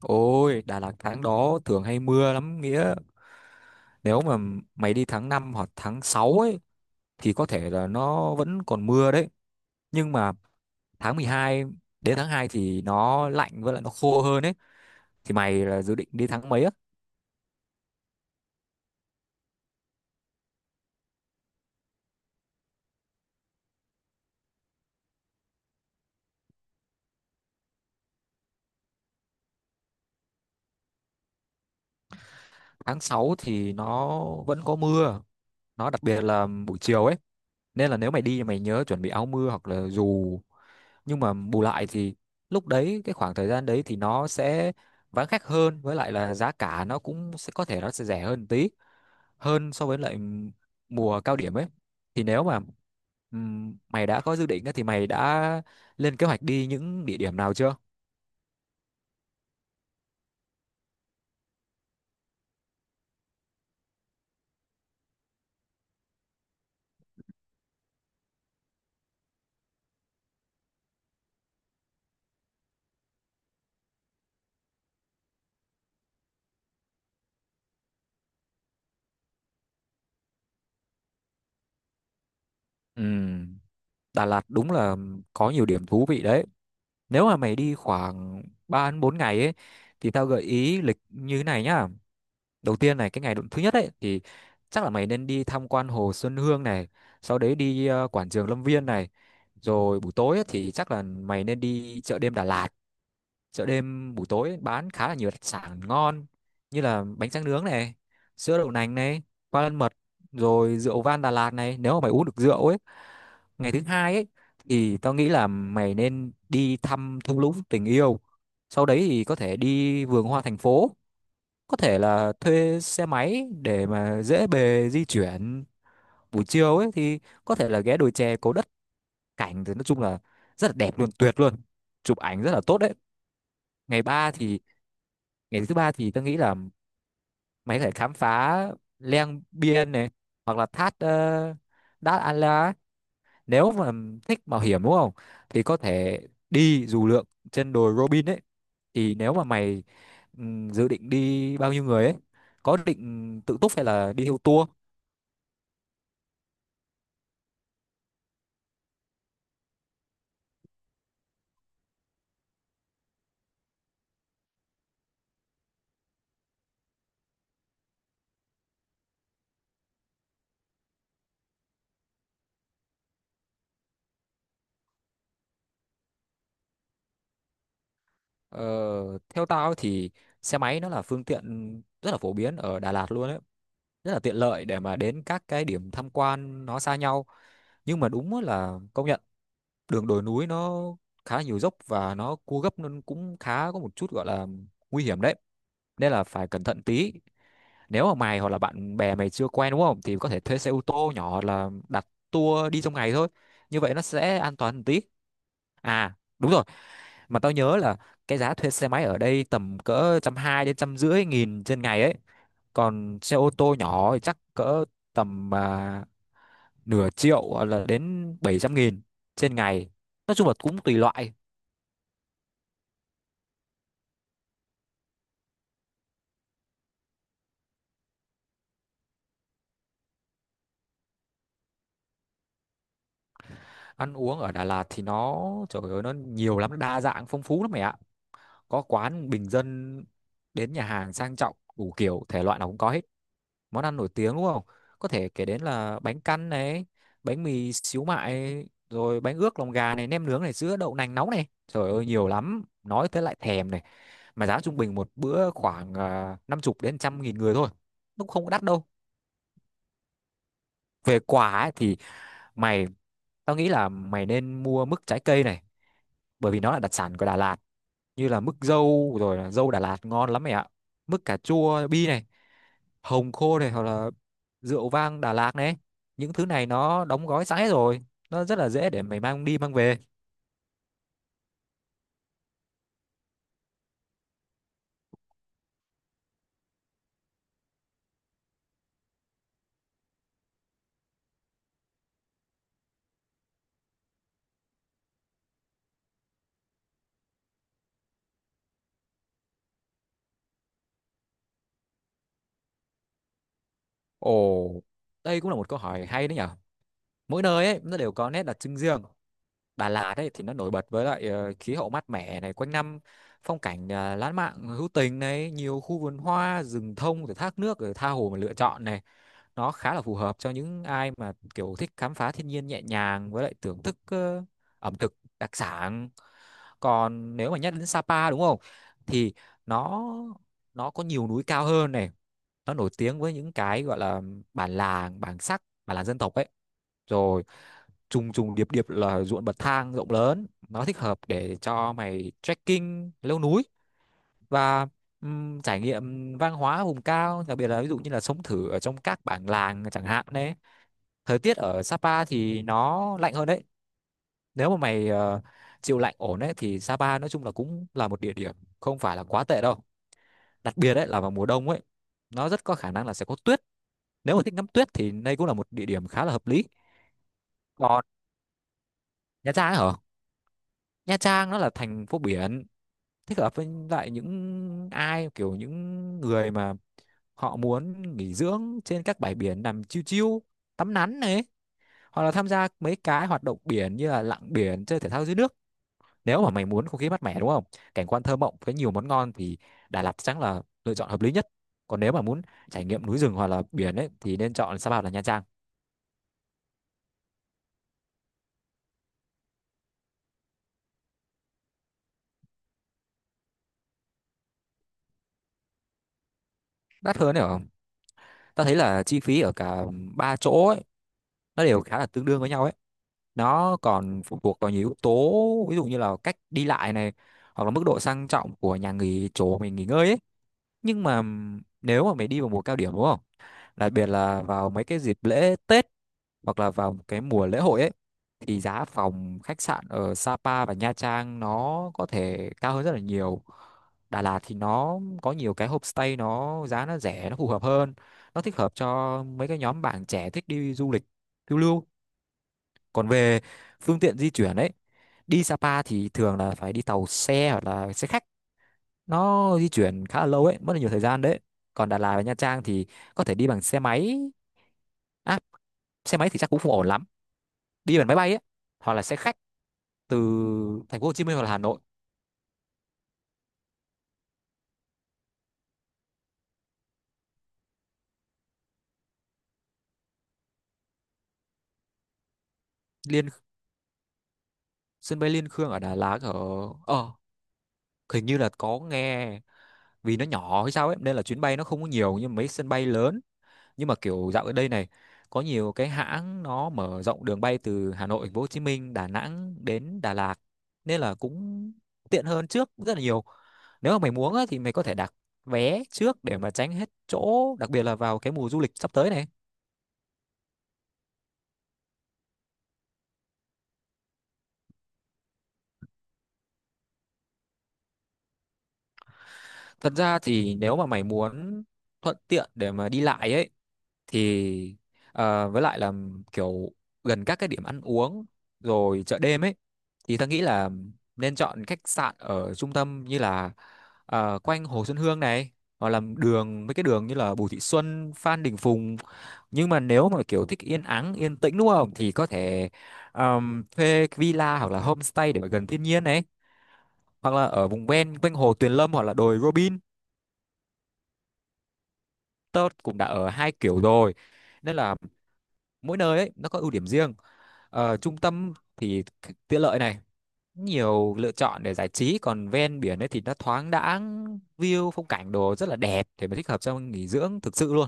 Ôi, Đà Lạt tháng đó thường hay mưa lắm Nghĩa. Nếu mà mày đi tháng 5 hoặc tháng 6 ấy thì có thể là nó vẫn còn mưa đấy. Nhưng mà tháng 12 đến tháng 2 thì nó lạnh với lại nó khô hơn ấy. Thì mày là dự định đi tháng mấy á? Tháng 6 thì nó vẫn có mưa. Nó đặc biệt là buổi chiều ấy. Nên là nếu mày đi thì mày nhớ chuẩn bị áo mưa hoặc là dù. Nhưng mà bù lại thì lúc đấy cái khoảng thời gian đấy thì nó sẽ vắng khách hơn với lại là giá cả nó cũng sẽ có thể nó sẽ rẻ hơn tí hơn so với lại mùa cao điểm ấy thì nếu mà mày đã có dự định á, thì mày đã lên kế hoạch đi những địa điểm nào chưa? Ừm, Đà Lạt đúng là có nhiều điểm thú vị đấy. Nếu mà mày đi khoảng 3 đến 4 ngày ấy thì tao gợi ý lịch như thế này nhá. Đầu tiên này cái ngày thứ nhất ấy thì chắc là mày nên đi tham quan hồ Xuân Hương này, sau đấy đi quảng trường Lâm Viên này. Rồi buổi tối ấy, thì chắc là mày nên đi chợ đêm Đà Lạt, chợ đêm buổi tối bán khá là nhiều đặc sản ngon như là bánh tráng nướng này, sữa đậu nành này, qua lân mật, rồi rượu vang Đà Lạt này, nếu mà mày uống được rượu ấy. Ngày thứ hai ấy thì tao nghĩ là mày nên đi thăm thung lũng tình yêu, sau đấy thì có thể đi vườn hoa thành phố, có thể là thuê xe máy để mà dễ bề di chuyển. Buổi chiều ấy thì có thể là ghé đồi chè cố Đất, cảnh thì nói chung là rất là đẹp luôn, tuyệt luôn, chụp ảnh rất là tốt đấy. ngày ba thì Ngày thứ ba thì tôi nghĩ là mày có thể khám phá Lang Biên này, hoặc là thác uh, Đát An La ấy. Nếu mà thích mạo hiểm đúng không thì có thể đi dù lượn trên đồi Robin ấy. Thì nếu mà mày dự định đi bao nhiêu người ấy, có định tự túc hay là đi theo tour? ờ, Theo tao ấy thì xe máy nó là phương tiện rất là phổ biến ở Đà Lạt luôn ấy, rất là tiện lợi để mà đến các cái điểm tham quan nó xa nhau. Nhưng mà đúng là công nhận, đường đồi núi nó khá là nhiều dốc và nó cua gấp nên cũng khá có một chút gọi là nguy hiểm đấy, nên là phải cẩn thận tí. Nếu mà mày hoặc là bạn bè mày chưa quen đúng không thì có thể thuê xe ô tô nhỏ hoặc là đặt tour đi trong ngày thôi, như vậy nó sẽ an toàn một tí. À đúng rồi, mà tao nhớ là cái giá thuê xe máy ở đây tầm cỡ 120 nghìn đến 150 nghìn trên ngày ấy, còn xe ô tô nhỏ thì chắc cỡ tầm nửa triệu hoặc là đến 700 nghìn trên ngày, nói chung là cũng tùy loại. Ăn uống ở Đà Lạt thì nó, trời ơi, nó nhiều lắm, nó đa dạng phong phú lắm mày ạ. Có quán bình dân đến nhà hàng sang trọng, đủ kiểu thể loại nào cũng có hết. Món ăn nổi tiếng đúng không, có thể kể đến là bánh căn này, bánh mì xíu mại, rồi bánh ướt lòng gà này, nem nướng này, sữa đậu nành nóng này, trời ơi nhiều lắm, nói tới lại thèm này. Mà giá trung bình một bữa khoảng 50 nghìn đến 100 nghìn người thôi, nó cũng không có đắt đâu. Về quả ấy, thì mày tao nghĩ là mày nên mua mứt trái cây này, bởi vì nó là đặc sản của Đà Lạt, như là mứt dâu rồi là dâu Đà Lạt ngon lắm mày ạ, mứt cà chua bi này, hồng khô này, hoặc là rượu vang Đà Lạt này. Những thứ này nó đóng gói sẵn hết rồi, nó rất là dễ để mày mang đi mang về. Ồ, đây cũng là một câu hỏi hay đấy nhở. Mỗi nơi ấy nó đều có nét đặc trưng riêng. Đà Lạt ấy thì nó nổi bật với lại khí hậu mát mẻ này quanh năm, phong cảnh lãng mạn hữu tình này, nhiều khu vườn hoa, rừng thông rồi thác nước, rồi tha hồ mà lựa chọn này. Nó khá là phù hợp cho những ai mà kiểu thích khám phá thiên nhiên nhẹ nhàng với lại thưởng thức ẩm thực đặc sản. Còn nếu mà nhắc đến Sapa đúng không thì nó nó có nhiều núi cao hơn này, nó nổi tiếng với những cái gọi là bản làng, bản làng dân tộc ấy, rồi trùng trùng điệp điệp là ruộng bậc thang rộng lớn, nó thích hợp để cho mày trekking leo núi và trải nghiệm văn hóa vùng cao, đặc biệt là ví dụ như là sống thử ở trong các bản làng chẳng hạn đấy. Thời tiết ở Sapa thì nó lạnh hơn đấy, nếu mà mày chịu lạnh ổn đấy thì Sapa nói chung là cũng là một địa điểm không phải là quá tệ đâu, đặc biệt đấy là vào mùa đông ấy, nó rất có khả năng là sẽ có tuyết. Nếu mà thích ngắm tuyết thì đây cũng là một địa điểm khá là hợp lý. Còn Nha Trang ấy hả, Nha Trang nó là thành phố biển, thích hợp với lại những ai kiểu những người mà họ muốn nghỉ dưỡng trên các bãi biển, nằm chiêu chiêu tắm nắng này, hoặc là tham gia mấy cái hoạt động biển như là lặn biển, chơi thể thao dưới nước. Nếu mà mày muốn không khí mát mẻ đúng không, cảnh quan thơ mộng với nhiều món ngon thì Đà Lạt chắc là lựa chọn hợp lý nhất. Còn nếu mà muốn trải nghiệm núi rừng hoặc là biển ấy thì nên chọn Sapa hoặc là Nha Trang. Đắt hơn đấy không, ta thấy là chi phí ở cả ba chỗ ấy nó đều khá là tương đương với nhau ấy, nó còn phụ thuộc vào nhiều yếu tố, ví dụ như là cách đi lại này, hoặc là mức độ sang trọng của nhà nghỉ, chỗ mình nghỉ ngơi ấy. Nhưng mà nếu mà mày đi vào mùa cao điểm đúng không, đặc biệt là vào mấy cái dịp lễ Tết hoặc là vào cái mùa lễ hội ấy, thì giá phòng khách sạn ở Sapa và Nha Trang nó có thể cao hơn rất là nhiều. Đà Lạt thì nó có nhiều cái homestay, nó giá nó rẻ, nó phù hợp hơn, nó thích hợp cho mấy cái nhóm bạn trẻ thích đi du lịch phiêu lưu. Còn về phương tiện di chuyển ấy, đi Sapa thì thường là phải đi tàu xe hoặc là xe khách, nó di chuyển khá là lâu ấy, mất là nhiều thời gian đấy. Còn Đà Lạt và Nha Trang thì có thể đi bằng xe máy, à, xe máy thì chắc cũng không ổn lắm, đi bằng máy bay ấy, hoặc là xe khách từ thành phố Hồ Chí Minh hoặc là Hà Nội. liên Sân bay Liên Khương ở Đà Lạt ở, ờ hình như là có nghe, vì nó nhỏ hay sao ấy nên là chuyến bay nó không có nhiều như mấy sân bay lớn. Nhưng mà kiểu dạo ở đây này, có nhiều cái hãng nó mở rộng đường bay từ Hà Nội, Thành phố Hồ Chí Minh, Đà Nẵng đến Đà Lạt, nên là cũng tiện hơn trước rất là nhiều. Nếu mà mày muốn á, thì mày có thể đặt vé trước để mà tránh hết chỗ, đặc biệt là vào cái mùa du lịch sắp tới này. Thật ra thì nếu mà mày muốn thuận tiện để mà đi lại ấy thì với lại là kiểu gần các cái điểm ăn uống rồi chợ đêm ấy, thì ta nghĩ là nên chọn khách sạn ở trung tâm, như là quanh Hồ Xuân Hương này, hoặc là đường mấy cái đường như là Bùi Thị Xuân, Phan Đình Phùng. Nhưng mà nếu mà kiểu thích yên ắng yên tĩnh đúng không thì có thể thuê villa hoặc là homestay để mà gần thiên nhiên này, hoặc là ở vùng ven quanh hồ Tuyền Lâm hoặc là đồi Robin. Tớ cũng đã ở hai kiểu rồi, nên là mỗi nơi ấy nó có ưu điểm riêng. Ờ, trung tâm thì tiện lợi này, nhiều lựa chọn để giải trí, còn ven biển ấy thì nó thoáng đãng, view phong cảnh đồ rất là đẹp, để mà thích hợp cho nghỉ dưỡng thực sự luôn.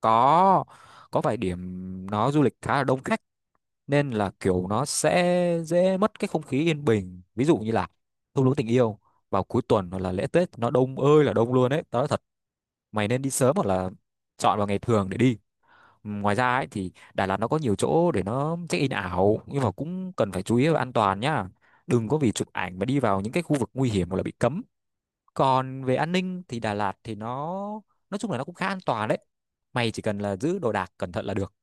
Có có vài điểm nó du lịch khá là đông khách, nên là kiểu nó sẽ dễ mất cái không khí yên bình. Ví dụ như là thung lũng tình yêu vào cuối tuần hoặc là lễ Tết nó đông ơi là đông luôn đấy, tao nói thật. Mày nên đi sớm hoặc là chọn vào ngày thường để đi. Ngoài ra ấy thì Đà Lạt nó có nhiều chỗ để nó check-in ảo, nhưng mà cũng cần phải chú ý về an toàn nhá. Đừng có vì chụp ảnh mà đi vào những cái khu vực nguy hiểm hoặc là bị cấm. Còn về an ninh thì Đà Lạt thì nó nói chung là nó cũng khá an toàn đấy. Mày chỉ cần là giữ đồ đạc cẩn thận là được.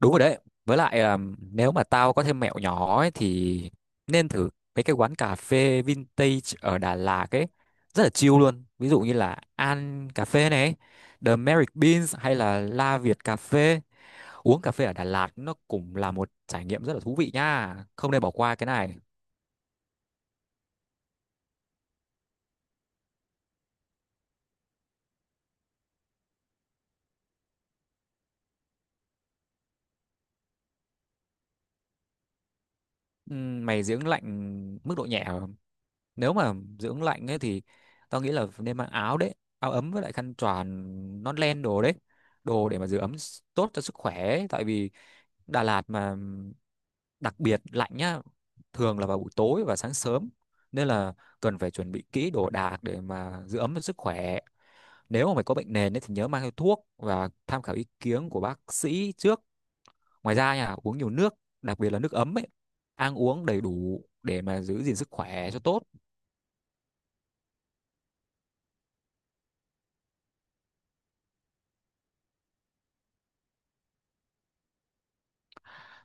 Đúng rồi đấy. Với lại nếu mà tao có thêm mẹo nhỏ ấy thì nên thử mấy cái quán cà phê vintage ở Đà Lạt ấy. Rất là chill luôn. Ví dụ như là An Cà Phê này, The Merrick Beans, hay là La Việt Cà Phê. Uống cà phê ở Đà Lạt nó cũng là một trải nghiệm rất là thú vị nha. Không nên bỏ qua cái này. Mày dưỡng lạnh mức độ nhẹ không? Nếu mà dưỡng lạnh ấy thì tao nghĩ là nên mang áo đấy, áo ấm với lại khăn choàng, nón len đồ đấy. Đồ để mà giữ ấm tốt cho sức khỏe ấy. Tại vì Đà Lạt mà đặc biệt lạnh nhá, thường là vào buổi tối và sáng sớm. Nên là cần phải chuẩn bị kỹ đồ đạc để mà giữ ấm cho sức khỏe. Nếu mà mày có bệnh nền ấy, thì nhớ mang theo thuốc và tham khảo ý kiến của bác sĩ trước. Ngoài ra nha, uống nhiều nước, đặc biệt là nước ấm ấy, ăn uống đầy đủ để mà giữ gìn sức khỏe cho tốt.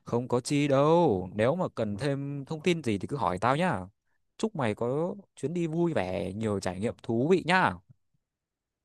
Không có chi đâu, nếu mà cần thêm thông tin gì thì cứ hỏi tao nhá. Chúc mày có chuyến đi vui vẻ, nhiều trải nghiệm thú vị nhá.